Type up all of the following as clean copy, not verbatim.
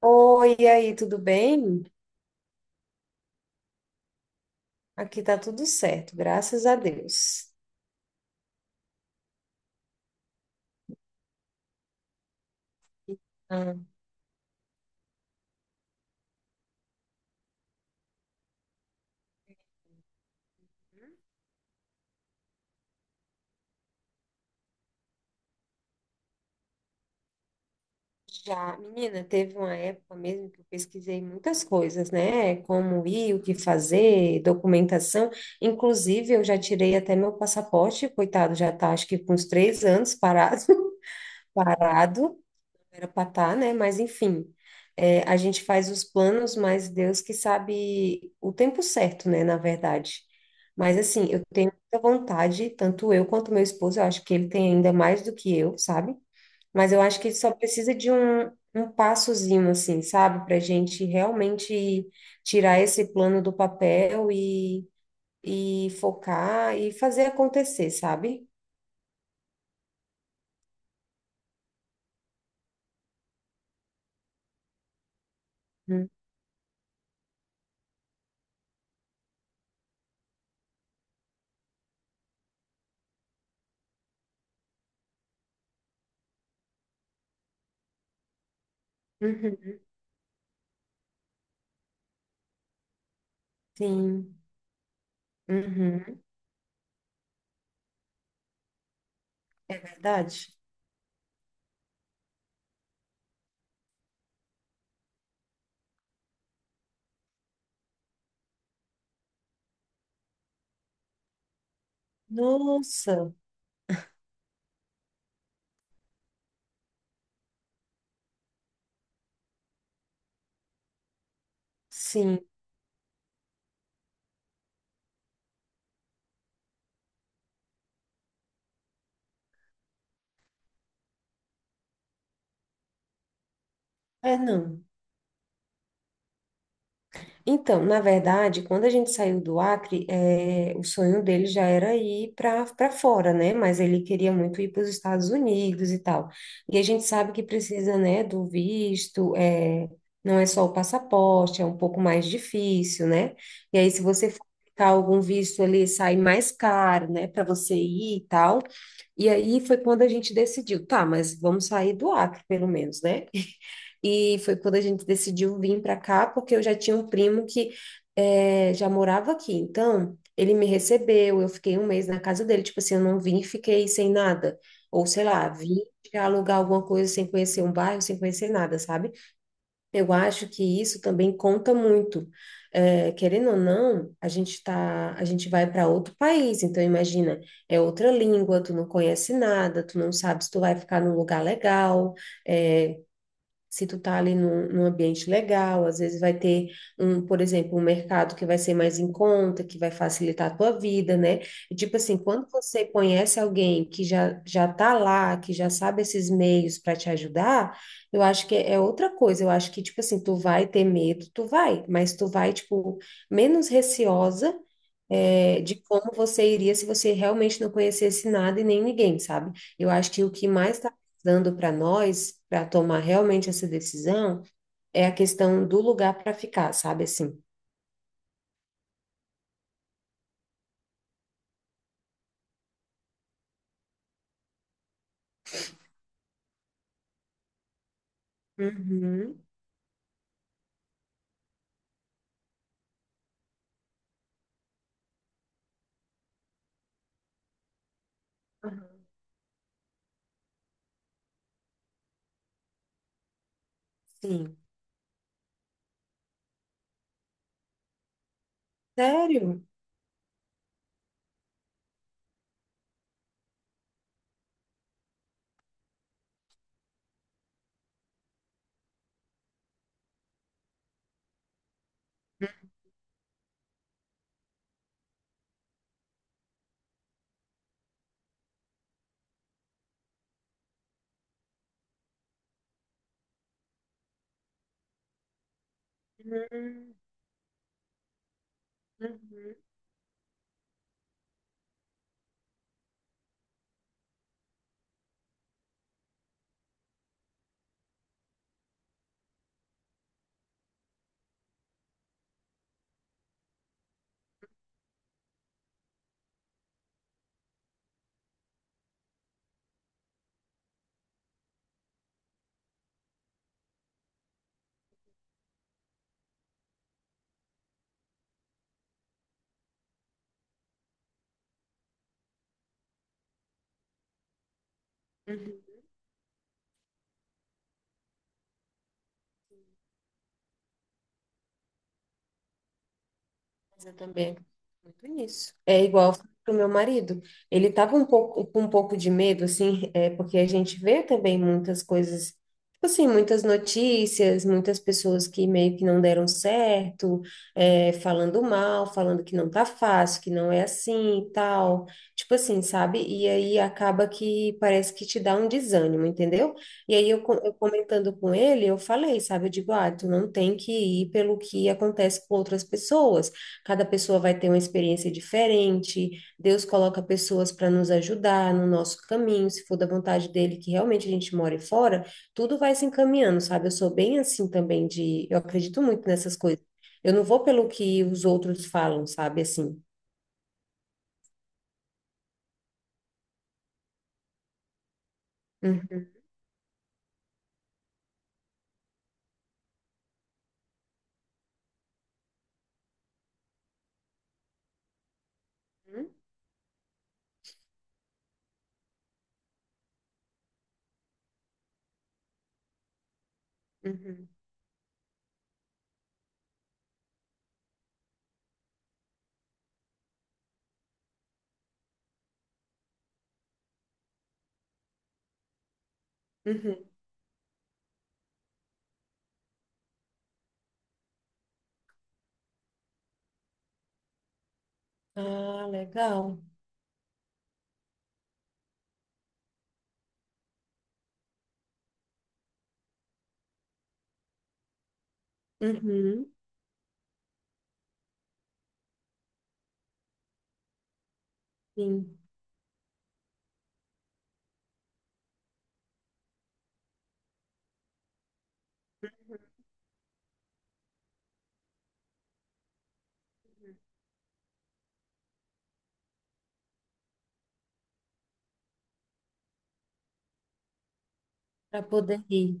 Oi, e aí, tudo bem? Aqui tá tudo certo, graças a Deus. Ah, já, menina, teve uma época mesmo que eu pesquisei muitas coisas, né? Como ir, o que fazer, documentação. Inclusive, eu já tirei até meu passaporte, coitado, já tá acho que com uns 3 anos parado, parado. Era pra tá, né? Mas enfim, é, a gente faz os planos, mas Deus que sabe o tempo certo, né? Na verdade. Mas assim, eu tenho muita vontade, tanto eu quanto meu esposo, eu acho que ele tem ainda mais do que eu, sabe? Mas eu acho que só precisa de um passozinho, assim, sabe? Pra gente realmente tirar esse plano do papel e focar e fazer acontecer, sabe? Uhum, uhum, sim, uhum, é verdade. Nossa, sim. É, não. Então, na verdade, quando a gente saiu do Acre, é, o sonho dele já era ir para fora, né? Mas ele queria muito ir para os Estados Unidos e tal. E a gente sabe que precisa, né, do visto, é, não é só o passaporte, é um pouco mais difícil, né? E aí, se você for aplicar algum visto ali, sai mais caro, né, para você ir e tal. E aí foi quando a gente decidiu, tá, mas vamos sair do Acre, pelo menos, né? E foi quando a gente decidiu vir para cá, porque eu já tinha um primo que já morava aqui. Então, ele me recebeu, eu fiquei um mês na casa dele. Tipo assim, eu não vim e fiquei sem nada. Ou sei lá, vim pra alugar alguma coisa sem conhecer um bairro, sem conhecer nada, sabe? Eu acho que isso também conta muito. Querendo ou não, a gente tá, a gente vai para outro país. Então, imagina, é outra língua, tu não conhece nada, tu não sabe se tu vai ficar num lugar legal. eh, Se tu tá ali num, num ambiente legal, às vezes vai ter um, por exemplo, um mercado que vai ser mais em conta, que vai facilitar a tua vida, né? E, tipo assim, quando você conhece alguém que já tá lá, que já sabe esses meios para te ajudar, eu acho que é outra coisa. Eu acho que tipo assim, tu vai ter medo, tu vai, mas tu vai tipo menos receosa é, de como você iria se você realmente não conhecesse nada e nem ninguém, sabe? Eu acho que o que mais está dando para nós, para tomar realmente essa decisão, é a questão do lugar para ficar, sabe assim? Uhum. Aham. Sim. Sério? Uhum. Uhum. Uhum. Mas eu também acredito muito nisso. É igual pro meu marido. Ele tava um pouco com um pouco de medo, assim, é porque a gente vê também muitas coisas, tipo assim, muitas notícias, muitas pessoas que meio que não deram certo, é, falando mal, falando que não tá fácil, que não é assim e tal. Tipo assim, sabe? E aí acaba que parece que te dá um desânimo, entendeu? E aí eu comentando com ele, eu falei, sabe? Eu digo, ah, tu não tem que ir pelo que acontece com outras pessoas. Cada pessoa vai ter uma experiência diferente. Deus coloca pessoas para nos ajudar no nosso caminho, se for da vontade dele que realmente a gente more fora, tudo vai se encaminhando, sabe? Eu sou bem assim também de, eu acredito muito nessas coisas. Eu não vou pelo que os outros falam, sabe assim. Uhum, uhum, uhum. Ah, legal. Uhum, sim. Para poder ir.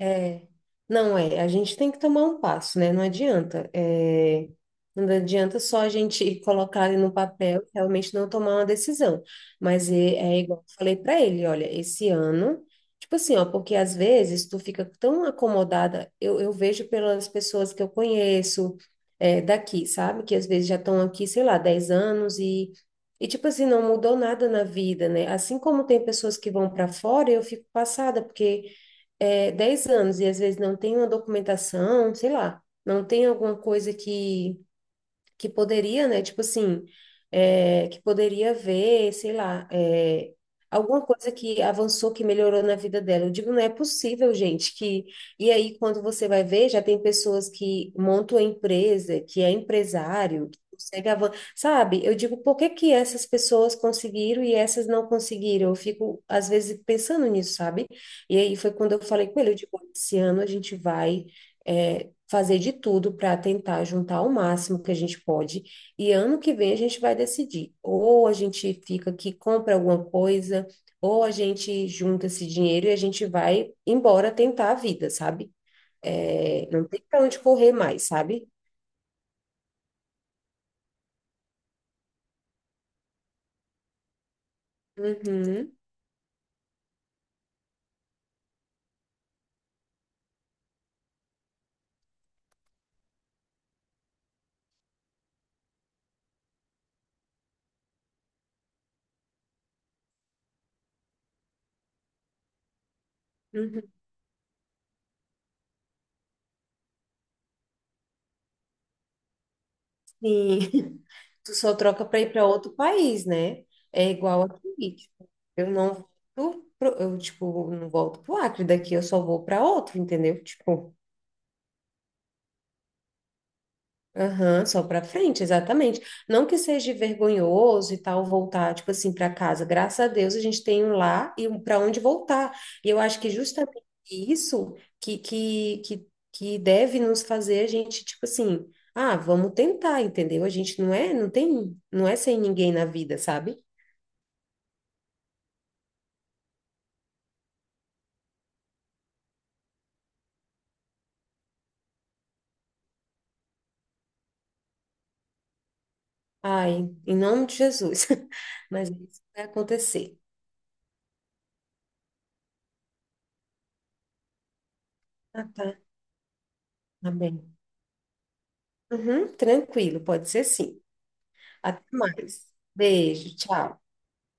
É, não é, a gente tem que tomar um passo, né? Não adianta. É, não adianta só a gente colocar ali no papel e realmente não tomar uma decisão. Mas é, é igual eu falei para ele, olha, esse ano, tipo assim, ó, porque às vezes tu fica tão acomodada, eu vejo pelas pessoas que eu conheço é, daqui, sabe? Que às vezes já estão aqui, sei lá, 10 anos e. E, tipo assim, não mudou nada na vida, né? Assim como tem pessoas que vão para fora, eu fico passada, porque é, 10 anos e às vezes não tem uma documentação, sei lá, não tem alguma coisa que poderia, né? Tipo assim, é, que poderia ver, sei lá, é, alguma coisa que avançou, que melhorou na vida dela. Eu digo, não é possível, gente, que... E aí, quando você vai ver, já tem pessoas que montam a empresa, que é empresário, que consegue avançar. Sabe? Eu digo, por que que essas pessoas conseguiram e essas não conseguiram? Eu fico, às vezes, pensando nisso, sabe? E aí foi quando eu falei com ele, eu digo, esse ano a gente vai... eh, fazer de tudo para tentar juntar o máximo que a gente pode. E ano que vem a gente vai decidir. Ou a gente fica aqui, compra alguma coisa, ou a gente junta esse dinheiro e a gente vai embora tentar a vida, sabe? É, não tem para onde correr mais, sabe? Uhum, uhum, sim. Tu só troca para ir para outro país, né? É igual aqui. Tipo, eu não volto pro, eu, tipo, não volto pro Acre daqui, eu só vou para outro, entendeu? Tipo, aham, só para frente, exatamente. Não que seja vergonhoso e tal voltar, tipo assim, para casa. Graças a Deus a gente tem um lar e um para onde voltar. E eu acho que justamente isso que deve nos fazer a gente, tipo assim, ah, vamos tentar, entendeu? A gente não é, não tem, não é sem ninguém na vida, sabe? Ai, em nome de Jesus. Mas isso vai acontecer. Ah, tá. Amém. Uhum, tranquilo, pode ser sim. Até mais. Beijo, tchau.